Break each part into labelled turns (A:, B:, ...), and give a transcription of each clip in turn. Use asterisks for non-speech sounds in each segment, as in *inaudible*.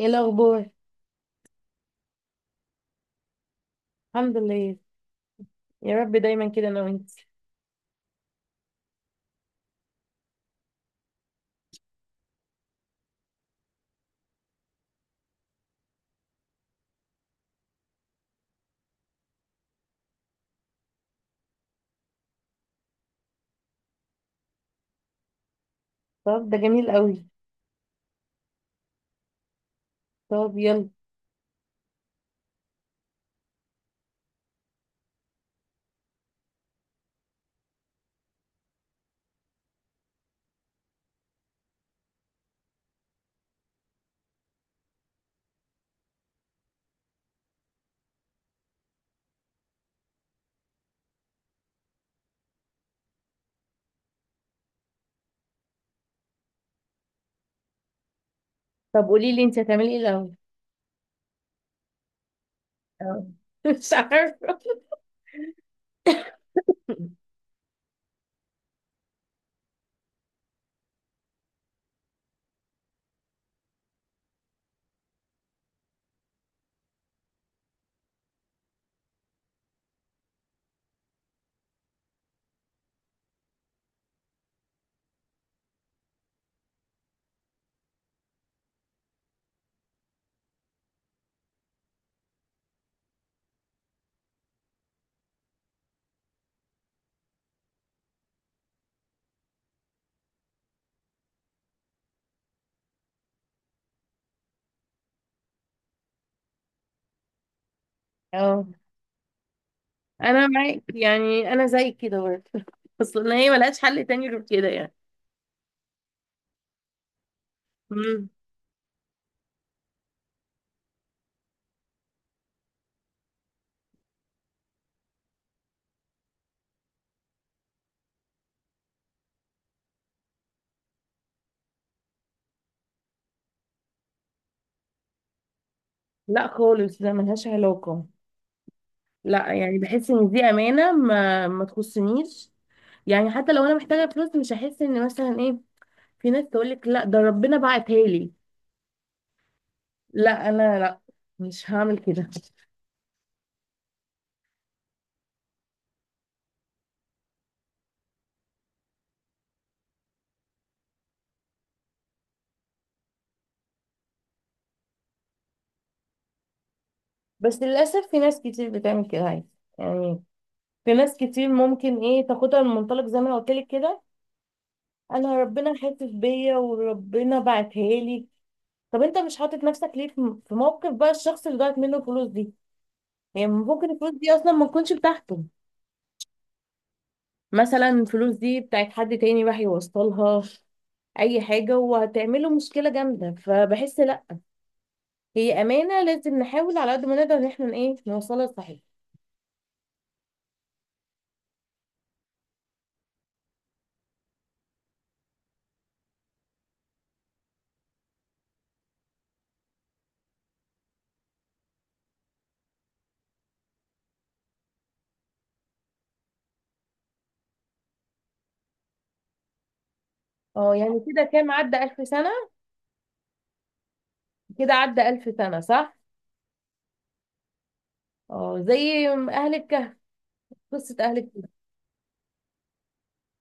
A: ايه الاخبار؟ الحمد لله. يا رب دايما كده انا وانت. طب ده جميل قوي. طب يلا. طب قولي لي انت هتعملي ايه الاول؟ اه *laughs* مش عارفه. اه انا معاك، يعني انا زي كده برضه *laughs* اصل هي ملهاش حل تاني غير كده يعني. مم. لا خالص، ده ملهاش علاقه. لا يعني بحس ان دي امانه ما تخصنيش. يعني حتى لو انا محتاجه فلوس مش هحس ان مثلا ايه. في ناس تقول لك لا، ده ربنا بعتها لي. لا، انا لا، مش هعمل كده. بس للأسف في ناس كتير بتعمل كده عادي. يعني في ناس كتير ممكن ايه تاخدها من منطلق زي ما انا قلت لك كده، انا ربنا حاسس بيا وربنا بعتها لي. طب انت مش حاطط نفسك ليه في موقف بقى الشخص اللي ضاعت منه الفلوس دي؟ يعني ممكن الفلوس دي اصلا ما تكونش بتاعته. مثلا الفلوس دي بتاعت حد تاني، راح يوصلها اي حاجة وهتعمله مشكلة جامدة. فبحس لا، هي امانة لازم نحاول على قد ما نقدر ان احنا ايه نوصلها صحيح. اه يعني كده كام عدى؟ 1000 سنة؟ كده عدى 1000 سنة صح؟ اه زي أهل الكهف، قصة أهل الكهف.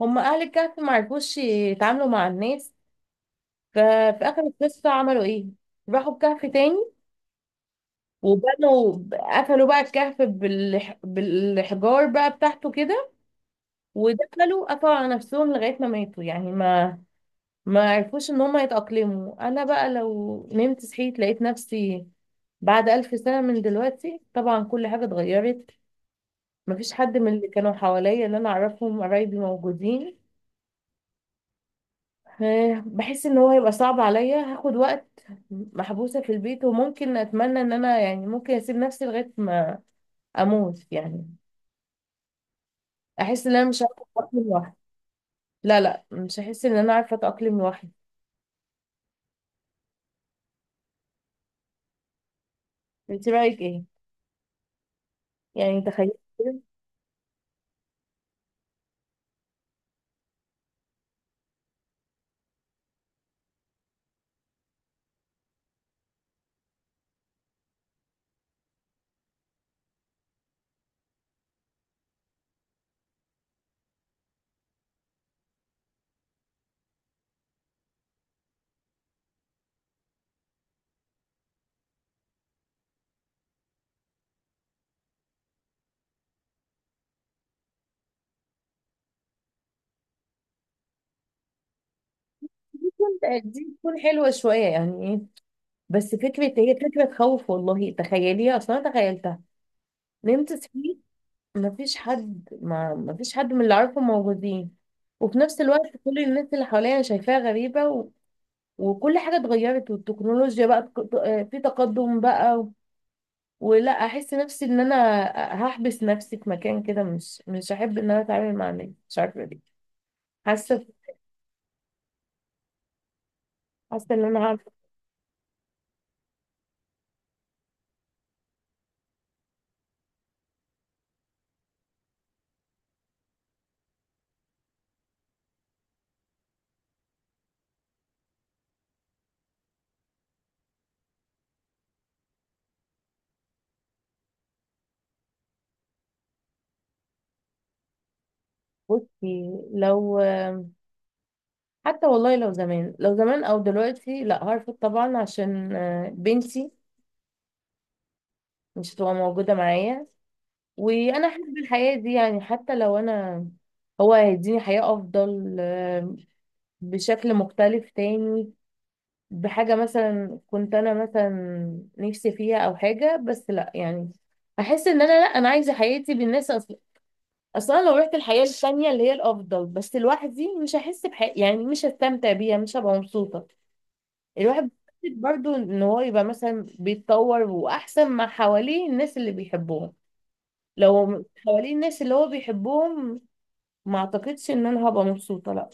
A: هم أهل الكهف ما عرفوش يتعاملوا مع الناس، ففي آخر القصة عملوا إيه؟ راحوا الكهف تاني وبنوا، قفلوا بقى الكهف بالحجار بقى بتاعته كده، ودخلوا قفلوا على نفسهم لغاية ما ماتوا، يعني ما عرفوش إن هم يتأقلموا. أنا بقى لو نمت صحيت لقيت نفسي بعد 1000 سنة من دلوقتي، طبعا كل حاجة اتغيرت، مفيش حد من اللي كانوا حواليا اللي انا اعرفهم قرايبي موجودين. بحس ان هو هيبقى صعب عليا، هاخد وقت محبوسة في البيت، وممكن اتمنى ان انا يعني ممكن اسيب نفسي لغاية ما اموت يعني. احس ان انا مش عارفة اتأقلم لوحدي. لا لا، مش هحس ان انا عارفة اتأقلم لوحدي. انت رأيك ايه؟ يعني تخيل. دي تكون حلوة شوية، يعني ايه. بس فكرة، هي فكرة تخوف والله. تخيليها، اصلا أنا تخيلتها. نمت صحيت، ما فيش حد من اللي اعرفه موجودين، وفي نفس الوقت كل الناس اللي حواليا شايفاها غريبة، و... وكل حاجة اتغيرت، والتكنولوجيا بقى في تقدم بقى. ولا احس نفسي ان انا هحبس نفسي في مكان كده، مش هحب ان انا اتعامل مع الناس، مش عارفة ليه. حاسة حاسة ان انا عارفة. بصي لو آه، حتى والله لو زمان، لو زمان او دلوقتي، لا هرفض طبعا عشان بنتي مش هتبقى موجودة معايا، وانا احب الحياه دي، يعني حتى لو انا هو هيديني حياه افضل بشكل مختلف تاني، بحاجه مثلا كنت انا مثلا نفسي فيها او حاجه، بس لا يعني احس ان انا لا، انا عايزه حياتي بالناس اصلا. اصلا لو رحت الحياه التانيه اللي هي الافضل بس لوحدي مش هحس بحياتي، يعني مش هستمتع بيها، مش هبقى مبسوطه الواحد. برضو ان هو يبقى مثلا بيتطور واحسن مع حواليه الناس اللي بيحبهم، لو حواليه الناس اللي هو بيحبهم. ما اعتقدش ان انا هبقى مبسوطه، لا.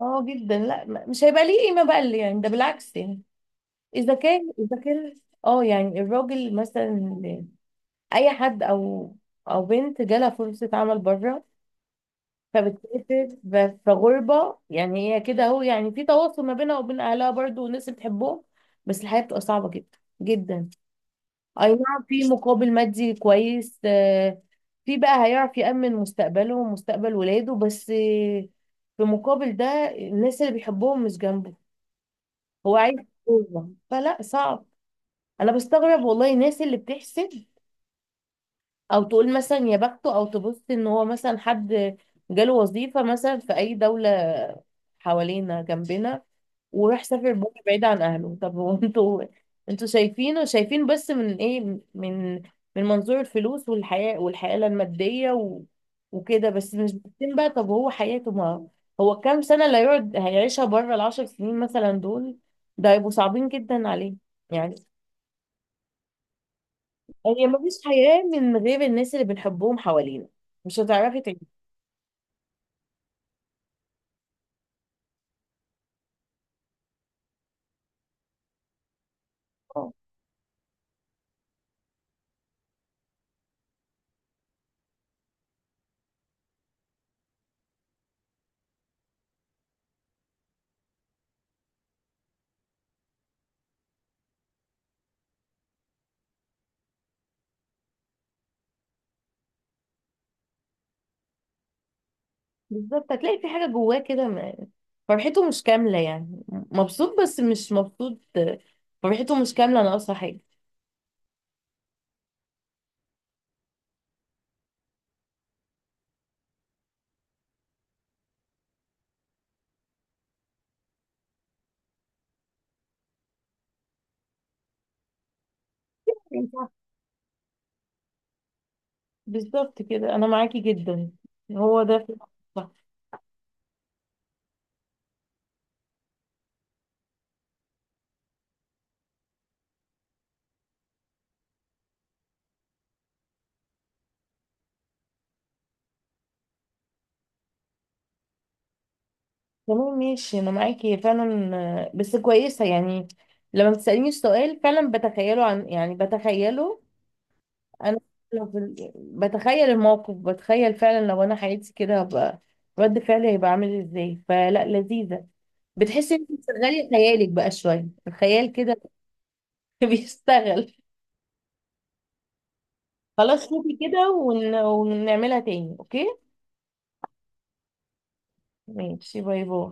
A: اه جدا، لا. مش هيبقى ليه قيمه بقى اللي يعني ده، بالعكس يعني. اذا كان اه يعني الراجل مثلا، اي حد، او بنت جالها فرصه عمل بره، فبتسافر في غربه، يعني هي كده اهو، يعني في تواصل ما بينها وبين اهلها برضو والناس اللي بتحبهم، بس الحياه بتبقى صعبه جدا جدا. اي نعم، في مقابل مادي كويس في بقى هيعرف يأمن مستقبله ومستقبل ولاده، بس في مقابل ده الناس اللي بيحبهم مش جنبه، هو عايز يحبهم. فلا صعب. انا بستغرب والله الناس اللي بتحسد او تقول مثلا يا بخته، او تبص ان هو مثلا حد جاله وظيفة مثلا في اي دولة حوالينا جنبنا، وراح سافر بره بعيد عن اهله. طب *laughs* هو انتوا شايفينه، شايفين بس من ايه؟ من من منظور الفلوس والحياة، والحياة المادية و... وكده، بس مش بتتم بقى. طب هو حياته، ما هو كام سنة اللي هيقعد هيعيشها بره؟ الـ10 سنين مثلا دول ده هيبقوا صعبين جدا عليه يعني. هي مفيش حياة من غير الناس اللي بنحبهم حوالينا، مش هتعرفي تعيشي. بالظبط، هتلاقي في حاجة جواه كده، فرحته مش كاملة، يعني مبسوط بس مش مبسوط، فرحته مش كاملة، ناقصة حاجة. صح. بالظبط كده أنا معاكي جدا، هو ده في. صح. تمام ماشي، أنا معاكي فعلا. بس كويسة يعني، لما بتسأليني السؤال فعلا بتخيله، عن يعني بتخيله انا، لو بتخيل الموقف، بتخيل فعلا لو انا حياتي كده هبقى رد فعلي هيبقى عامل ازاي. فلا، لذيذة. بتحسي انت بتشغلي خيالك بقى شوية، الخيال كده *laughs* بيشتغل. خلاص شوفي كده ون... ونعملها تاني اوكي. ماشي. باي باي.